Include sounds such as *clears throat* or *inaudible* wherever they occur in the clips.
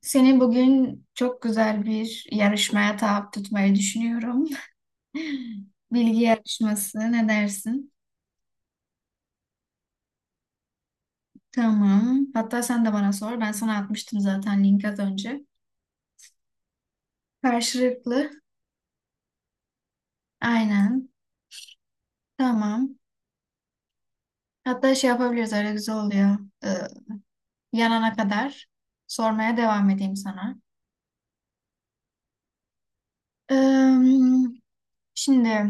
Seni bugün çok güzel bir yarışmaya tabi tutmayı düşünüyorum. *laughs* Bilgi yarışması ne dersin? Tamam. Hatta sen de bana sor. Ben sana atmıştım zaten link az önce. Karşılıklı. Aynen. Tamam. Hatta şey yapabiliriz, öyle güzel oluyor. Ee, yanana kadar sormaya devam edeyim sana. Ee, şimdi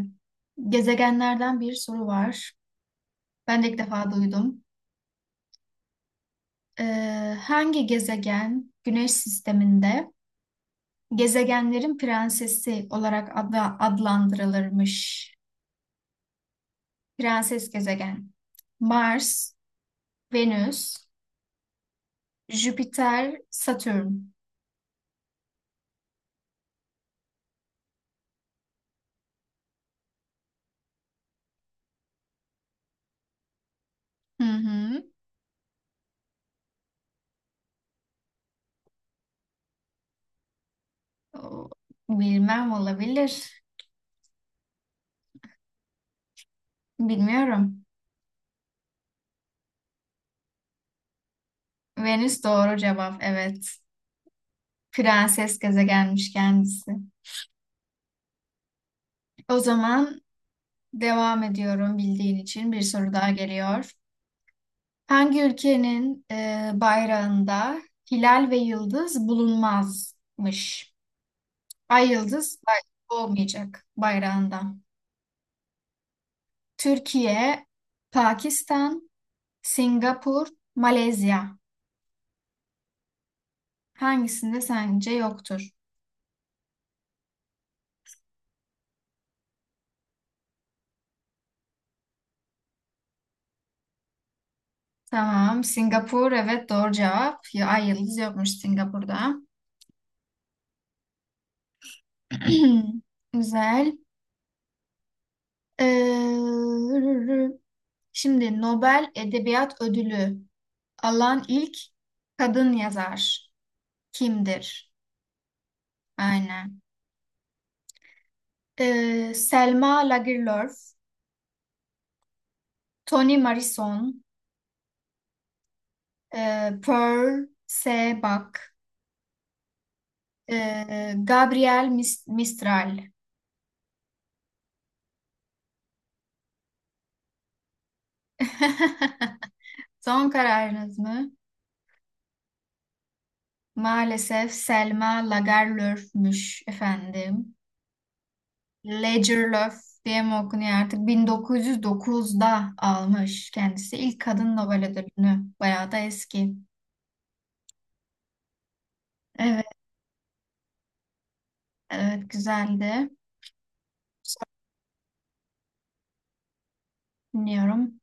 gezegenlerden bir soru var. Ben de ilk defa duydum. Hangi gezegen Güneş sisteminde gezegenlerin prensesi olarak adlandırılırmış. Prenses gezegen. Mars, Venüs, Jüpiter, Satürn. Hı hı. O- Bilmem, olabilir. Bilmiyorum. Venüs doğru cevap. Evet. Prenses gezegenmiş kendisi. O zaman devam ediyorum bildiğin için. Bir soru daha geliyor. Hangi ülkenin bayrağında hilal ve yıldız bulunmazmış? Ay yıldız olmayacak bayrağında. Türkiye, Pakistan, Singapur, Malezya. Hangisinde sence yoktur? Tamam, Singapur, evet, doğru cevap. Ya, ay yıldız yokmuş Singapur'da. *clears throat* Güzel. Ee, şimdi Nobel Edebiyat Ödülü alan ilk kadın yazar kimdir? Aynen. Selma Lagerlöf, Toni Morrison, Pearl Sebak, Gabriel Mistral. *laughs* Son kararınız mı? Maalesef Selma Lagerlöf'müş efendim. Lagerlöf diye mi okunuyor artık? 1909'da almış kendisi ilk kadın Nobel ödülünü. Bayağı da eski. Evet, evet, güzeldi. Dinliyorum.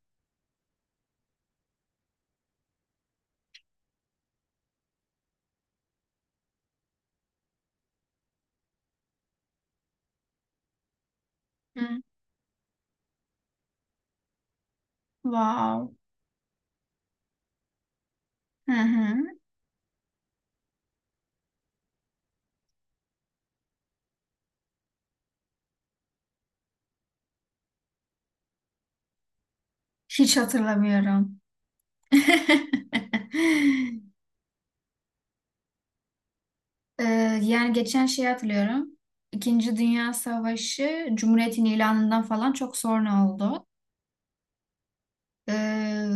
Hı. Wow. Hı hı. Hiç hatırlamıyorum. *laughs* Ee, yani geçen şeyi hatırlıyorum. İkinci Dünya Savaşı Cumhuriyet'in ilanından falan çok sonra oldu. Ee,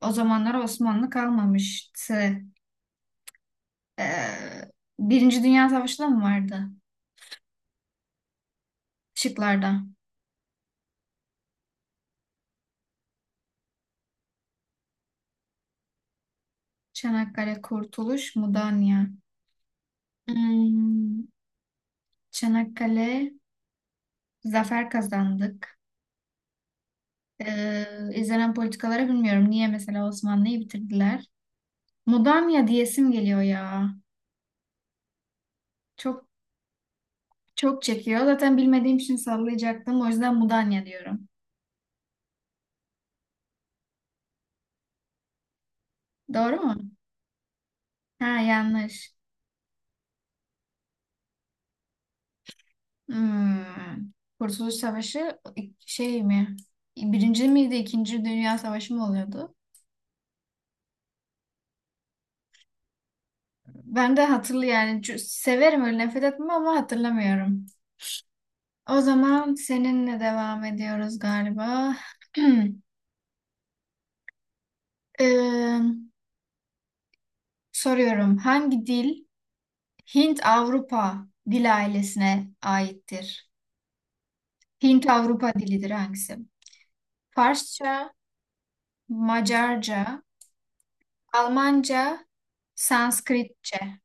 o zamanlar Osmanlı kalmamıştı. Ee, Birinci Dünya Savaşı da mı vardı şıklarda? Çanakkale, Kurtuluş, Mudanya. Hmm, Çanakkale, zafer kazandık. İzlenen politikaları bilmiyorum. Niye mesela Osmanlı'yı bitirdiler? Mudanya diyesim geliyor ya. Çok Çok çekiyor. Zaten bilmediğim için sallayacaktım. O yüzden Mudanya diyorum. Doğru mu? Ha, yanlış. Hmm. Kurtuluş Savaşı şey mi? Birinci miydi? İkinci Dünya Savaşı mı oluyordu? Ben de hatırlı yani severim, öyle nefret etmem ama hatırlamıyorum. O zaman seninle devam ediyoruz galiba. *clears throat* Ee, soruyorum. Hangi dil Hint-Avrupa dil ailesine aittir? Hint-Avrupa dilidir hangisi? Farsça, Macarca, Almanca, Sanskritçe.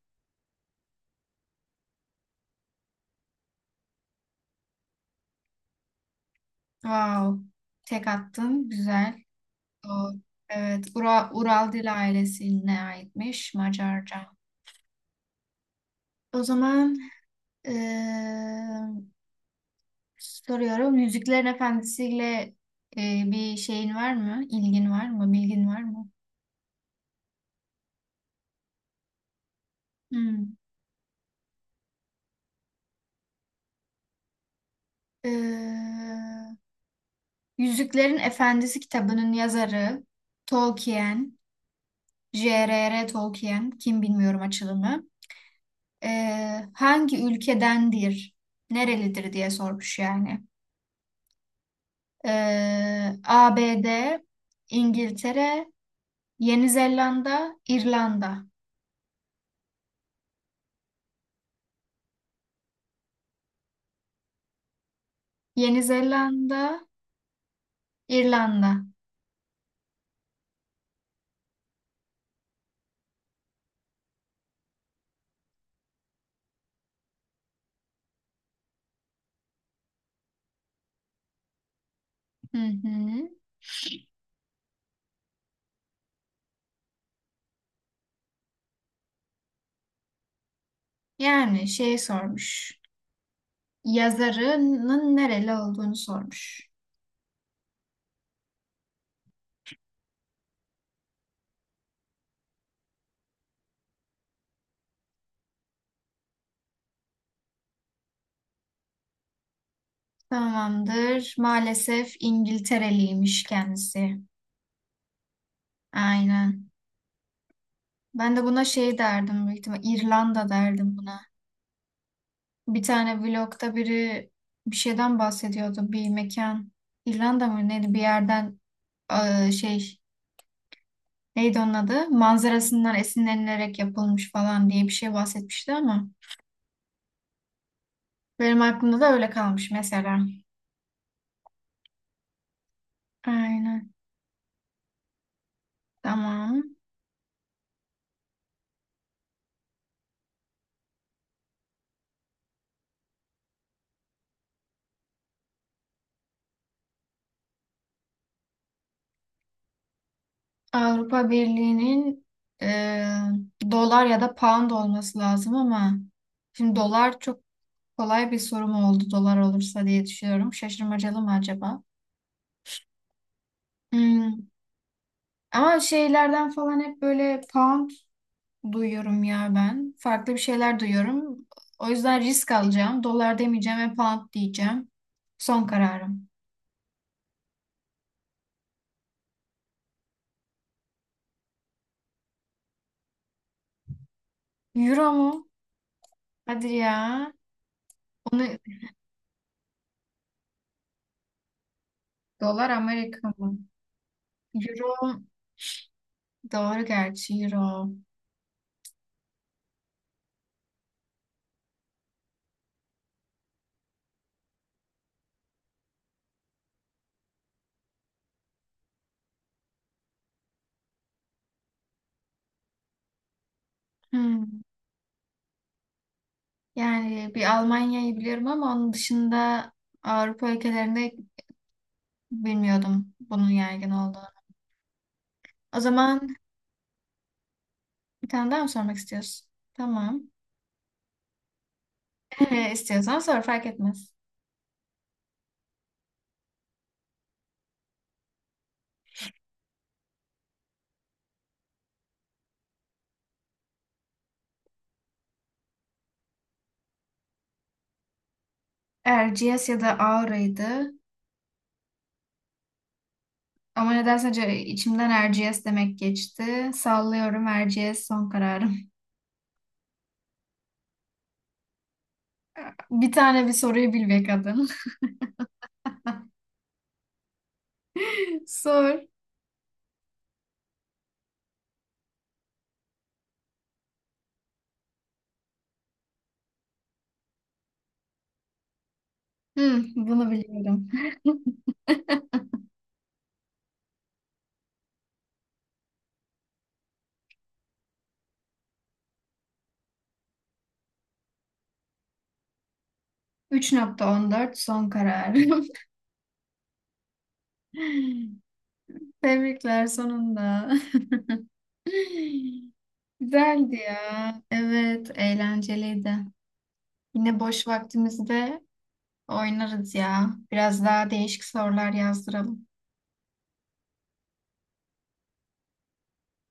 Wow. Tek attın. Güzel. Doğru. Evet. Ural Dil ailesine aitmiş Macarca. O zaman eee, soruyorum. Yüzüklerin Efendisi'yle bir şeyin var mı? İlgin var mı? Bilgin var mı? Hmm. Eee, Yüzüklerin Efendisi kitabının yazarı Tolkien J.R.R. Tolkien, kim bilmiyorum açılımı. Hangi ülkedendir, nerelidir diye sormuş yani. ABD, İngiltere, Yeni Zelanda, İrlanda. Yeni Zelanda, İrlanda. Hı hı. Yani şey sormuş, yazarının nereli olduğunu sormuş. Tamamdır. Maalesef İngiltereliymiş kendisi. Aynen. Ben de buna şey derdim büyük ihtimal. İrlanda derdim buna. Bir tane vlogda biri bir şeyden bahsediyordu. Bir mekan. İrlanda mı neydi? Bir yerden şey, neydi onun adı, manzarasından esinlenilerek yapılmış falan diye bir şey bahsetmişti ama benim aklımda da öyle kalmış mesela. Aynen. Tamam. Avrupa Birliği'nin eee, dolar ya da pound olması lazım ama şimdi dolar çok kolay bir sorum oldu dolar olursa diye düşünüyorum. Şaşırmacalı mı acaba? Hmm. Ama şeylerden falan hep böyle pound duyuyorum ya ben. Farklı bir şeyler duyuyorum. O yüzden risk alacağım. Dolar demeyeceğim ve pound diyeceğim. Son kararım. Euro mu? Hadi ya. Onu, dolar Amerika mı? Euro doğru, gerçi euro. Hmm. Yani bir Almanya'yı biliyorum ama onun dışında Avrupa ülkelerinde bilmiyordum bunun yaygın olduğunu. O zaman bir tane daha mı sormak istiyorsun? Tamam. İstiyorsan sor, fark etmez. Erciyes ya da Aura'ydı. Ama nedense içimden Erciyes demek geçti. Sallıyorum, Erciyes son kararım. *laughs* Bir soruyu bil be kadın. *laughs* Sor. Hmm, bunu biliyorum. *laughs* 3.14 son kararım. *laughs* Tebrikler sonunda. *laughs* Güzeldi ya. Evet, eğlenceliydi. Yine boş vaktimizde oynarız ya. Biraz daha değişik sorular yazdıralım.